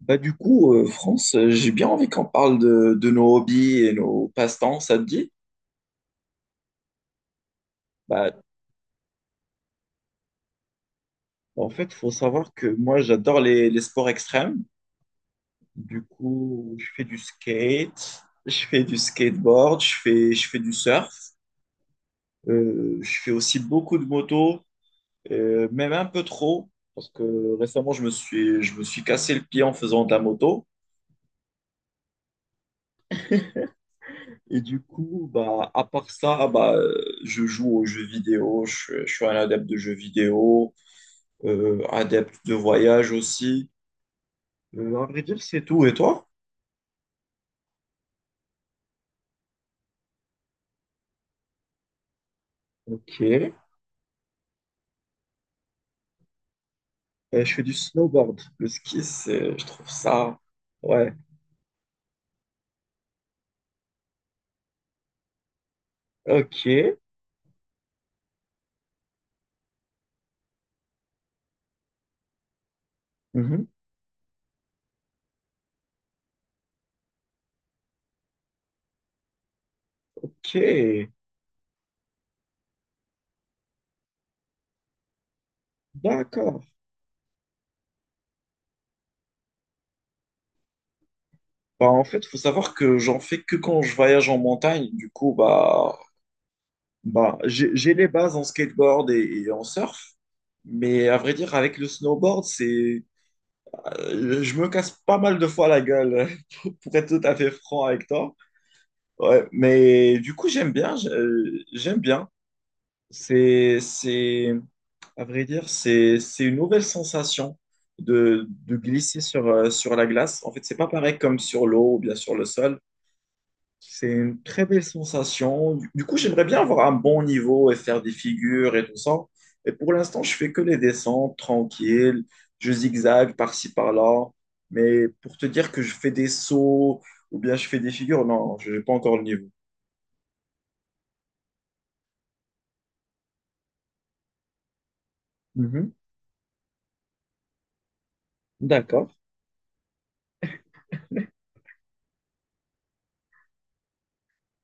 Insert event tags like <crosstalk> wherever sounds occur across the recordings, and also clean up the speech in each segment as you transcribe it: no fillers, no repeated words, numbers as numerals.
France, j'ai bien envie qu'on parle de nos hobbies et nos passe-temps, ça te dit? Bah, en fait, il faut savoir que moi, j'adore les sports extrêmes. Du coup, je fais du skate, je fais du skateboard, je fais du surf. Je fais aussi beaucoup de moto, même un peu trop, parce que récemment, je me suis cassé le pied en faisant de la moto. Et du coup, à part ça, je joue aux jeux vidéo, je suis un adepte de jeux vidéo. Adepte de voyage aussi. À vrai dire, c'est tout. Et toi? Ok. Je fais du snowboard. Le ski, c'est, je trouve ça. Ouais. Ok. Mhm. Ok. D'accord. En fait, faut savoir que j'en fais que quand je voyage en montagne. Du coup, j'ai les bases en skateboard et en surf. Mais à vrai dire, avec le snowboard, c'est, je me casse pas mal de fois la gueule, <laughs> pour être tout à fait franc avec toi. Ouais, mais du coup, j'aime bien, j'aime bien. C'est, c'est, à vrai dire, c'est une nouvelle sensation de glisser sur la glace. En fait, c'est pas pareil comme sur l'eau ou bien sur le sol. C'est une très belle sensation. Du coup, j'aimerais bien avoir un bon niveau et faire des figures et tout ça. Et pour l'instant, je fais que les descentes tranquilles. Je zigzague par-ci, par-là. Mais pour te dire que je fais des sauts ou bien je fais des figures, non, je n'ai pas encore le niveau. D'accord.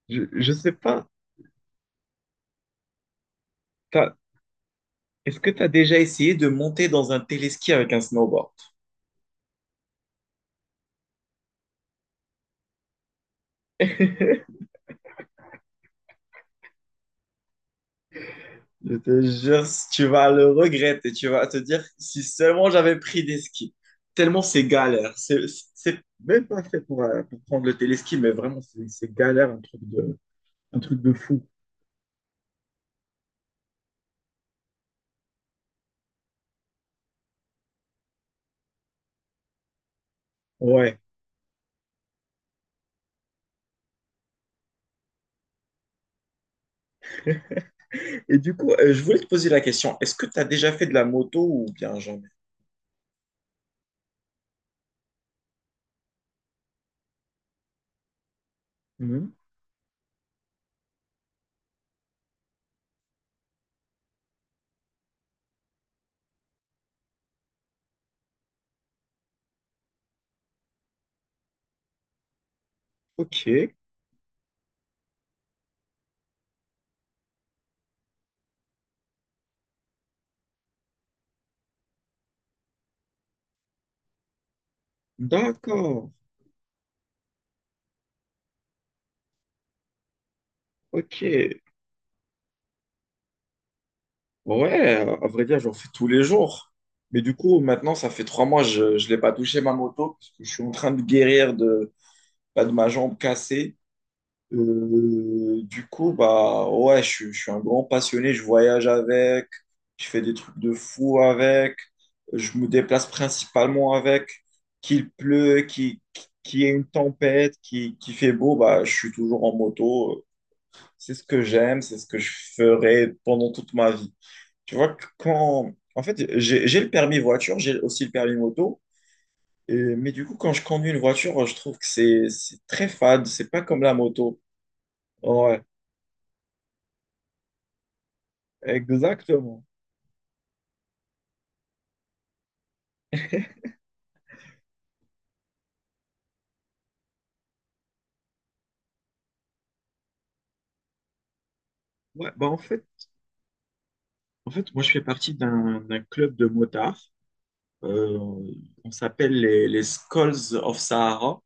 Je sais pas. t'as- Est-ce que tu as déjà essayé de monter dans un téléski avec un snowboard? Je te jure, si tu vas le regretter. Tu vas te dire, si seulement j'avais pris des skis. Tellement c'est galère. C'est même pas fait pour prendre le téléski, mais vraiment, c'est galère, un truc de fou. Ouais. Et du coup, je voulais te poser la question. Est-ce que tu as déjà fait de la moto ou bien jamais? Mhm. Ok. D'accord. Ok. Ouais, à vrai dire, j'en fais tous les jours. Mais du coup, maintenant, ça fait trois mois, je ne l'ai pas touché ma moto, parce que je suis en train de guérir bah, de ma jambe cassée. Du coup, bah ouais, je suis un grand passionné, je voyage avec, je fais des trucs de fou avec, je me déplace principalement avec. Qu'il pleut, qu'il qu'il y ait une tempête, qu'il fait beau, bah je suis toujours en moto. C'est ce que j'aime, c'est ce que je ferai pendant toute ma vie. Tu vois, que quand... En fait, j'ai le permis voiture, j'ai aussi le permis moto. Et... Mais du coup, quand je conduis une voiture, je trouve que c'est très fade. C'est pas comme la moto. Ouais, exactement. Ouais, moi je fais partie d'un club de motards. Euh, on s'appelle les Skulls of Sahara.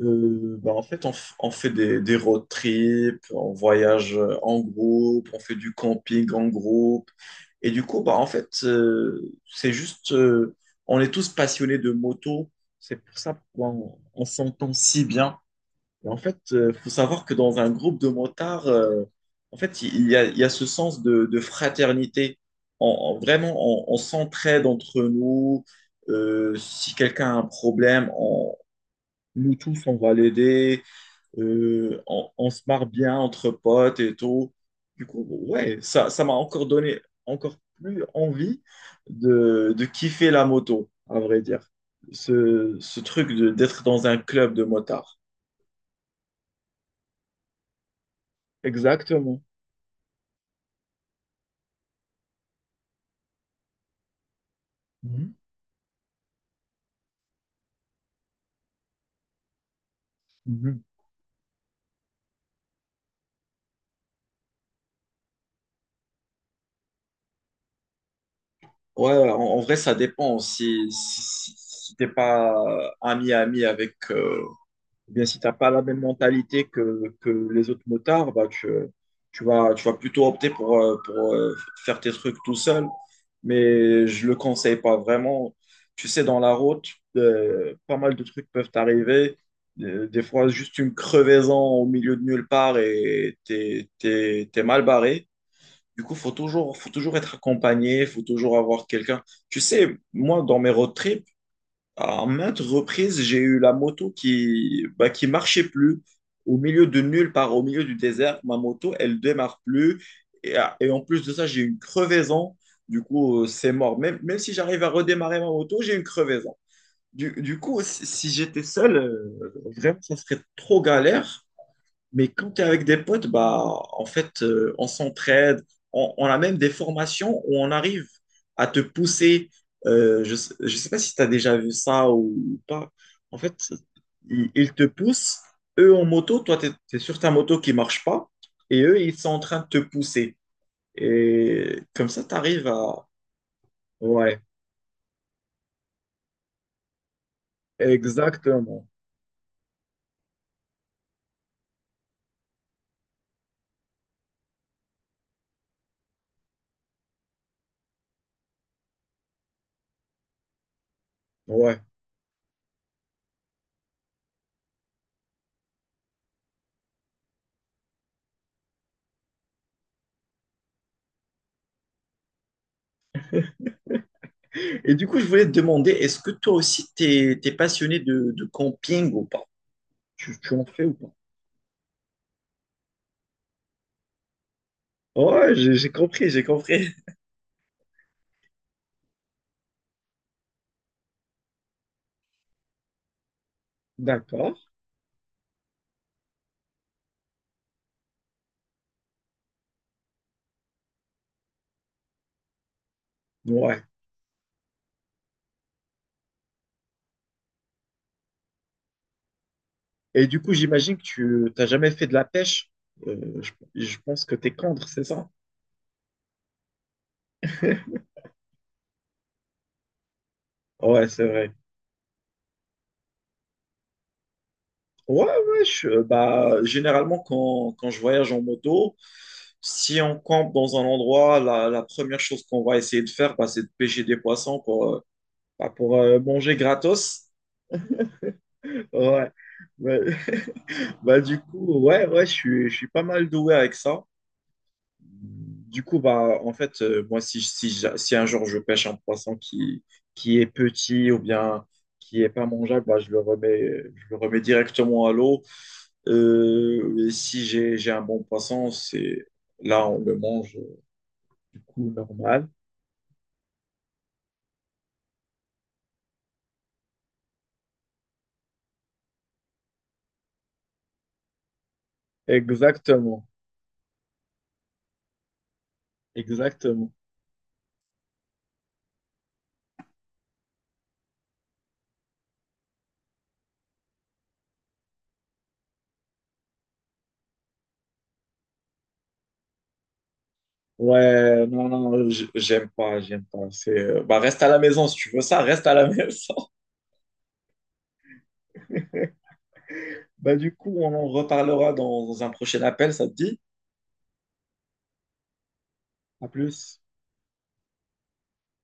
En fait, on fait des road trips, on voyage en groupe, on fait du camping en groupe. Et du coup, c'est juste, on est tous passionnés de moto. C'est pour ça qu'on on s'entend si bien. Et en fait, il faut savoir que dans un groupe de motards, il y a ce sens de fraternité. Vraiment, on s'entraide entre nous. Si quelqu'un a un problème, nous tous, on va l'aider. On se marre bien entre potes et tout. Du coup, ouais, ça m'a encore donné encore plus envie de kiffer la moto, à vrai dire. Ce d'être dans un club de motards. Exactement. Mhm. Mhm. Ouais, en vrai, ça dépend. Si t'es pas ami-ami avec, eh bien, si tu n'as pas la même mentalité que les autres motards, tu vas plutôt opter pour faire tes trucs tout seul. Mais je ne le conseille pas vraiment. Tu sais, dans la route, pas mal de trucs peuvent t'arriver. Des fois, juste une crevaison au milieu de nulle part et t'es mal barré. Du coup, faut toujours être accompagné, faut toujours avoir quelqu'un. Tu sais, moi, dans mes road trips, à maintes reprises, j'ai eu la moto qui marchait plus. Au milieu de nulle part, au milieu du désert, ma moto, elle démarre plus. Et, ah, et en plus de ça, j'ai une crevaison. Du coup, c'est mort. Même si j'arrive à redémarrer ma moto, j'ai une crevaison. Du coup, si j'étais seul, vraiment, ça serait trop galère. Mais quand tu es avec des potes, on s'entraide. On a même des formations où on arrive à te pousser. Je ne sais pas si tu as déjà vu ça ou pas. En fait, ils te poussent. Eux en moto, toi, sur ta moto qui marche pas. Et eux, ils sont en train de te pousser. Et comme ça, tu arrives à... Ouais, exactement. Ouais. Et du coup, je voulais te demander, est-ce que toi aussi, passionné de camping ou pas? Tu en fais ou pas? Ouais, j'ai compris, j'ai compris. <laughs> D'accord. Ouais. Et du coup, j'imagine que tu t'as jamais fait de la pêche. Je pense que t'es contre, c'est ça? <laughs> Ouais, c'est vrai. Ouais, ouais, généralement, quand je voyage en moto, si on campe dans un endroit, la première chose qu'on va essayer de faire, bah, c'est de pêcher des poissons pour, pour manger gratos. Ouais. Ouais. <laughs> Bah, du coup, ouais, ouais, je suis pas mal doué avec ça. Du coup, moi, si un jour je pêche un poisson qui est petit ou bien qui est pas mangeable, bah, je le remets directement à l'eau. Et si j'ai, j'ai un bon poisson, c'est là, on le mange du coup normal. Exactement, exactement. Ouais, non, non, j'aime pas, j'aime pas. Reste à la maison si tu veux ça, reste à la <laughs> maison. Bah, du coup, on en reparlera dans un prochain appel, ça te dit? À plus.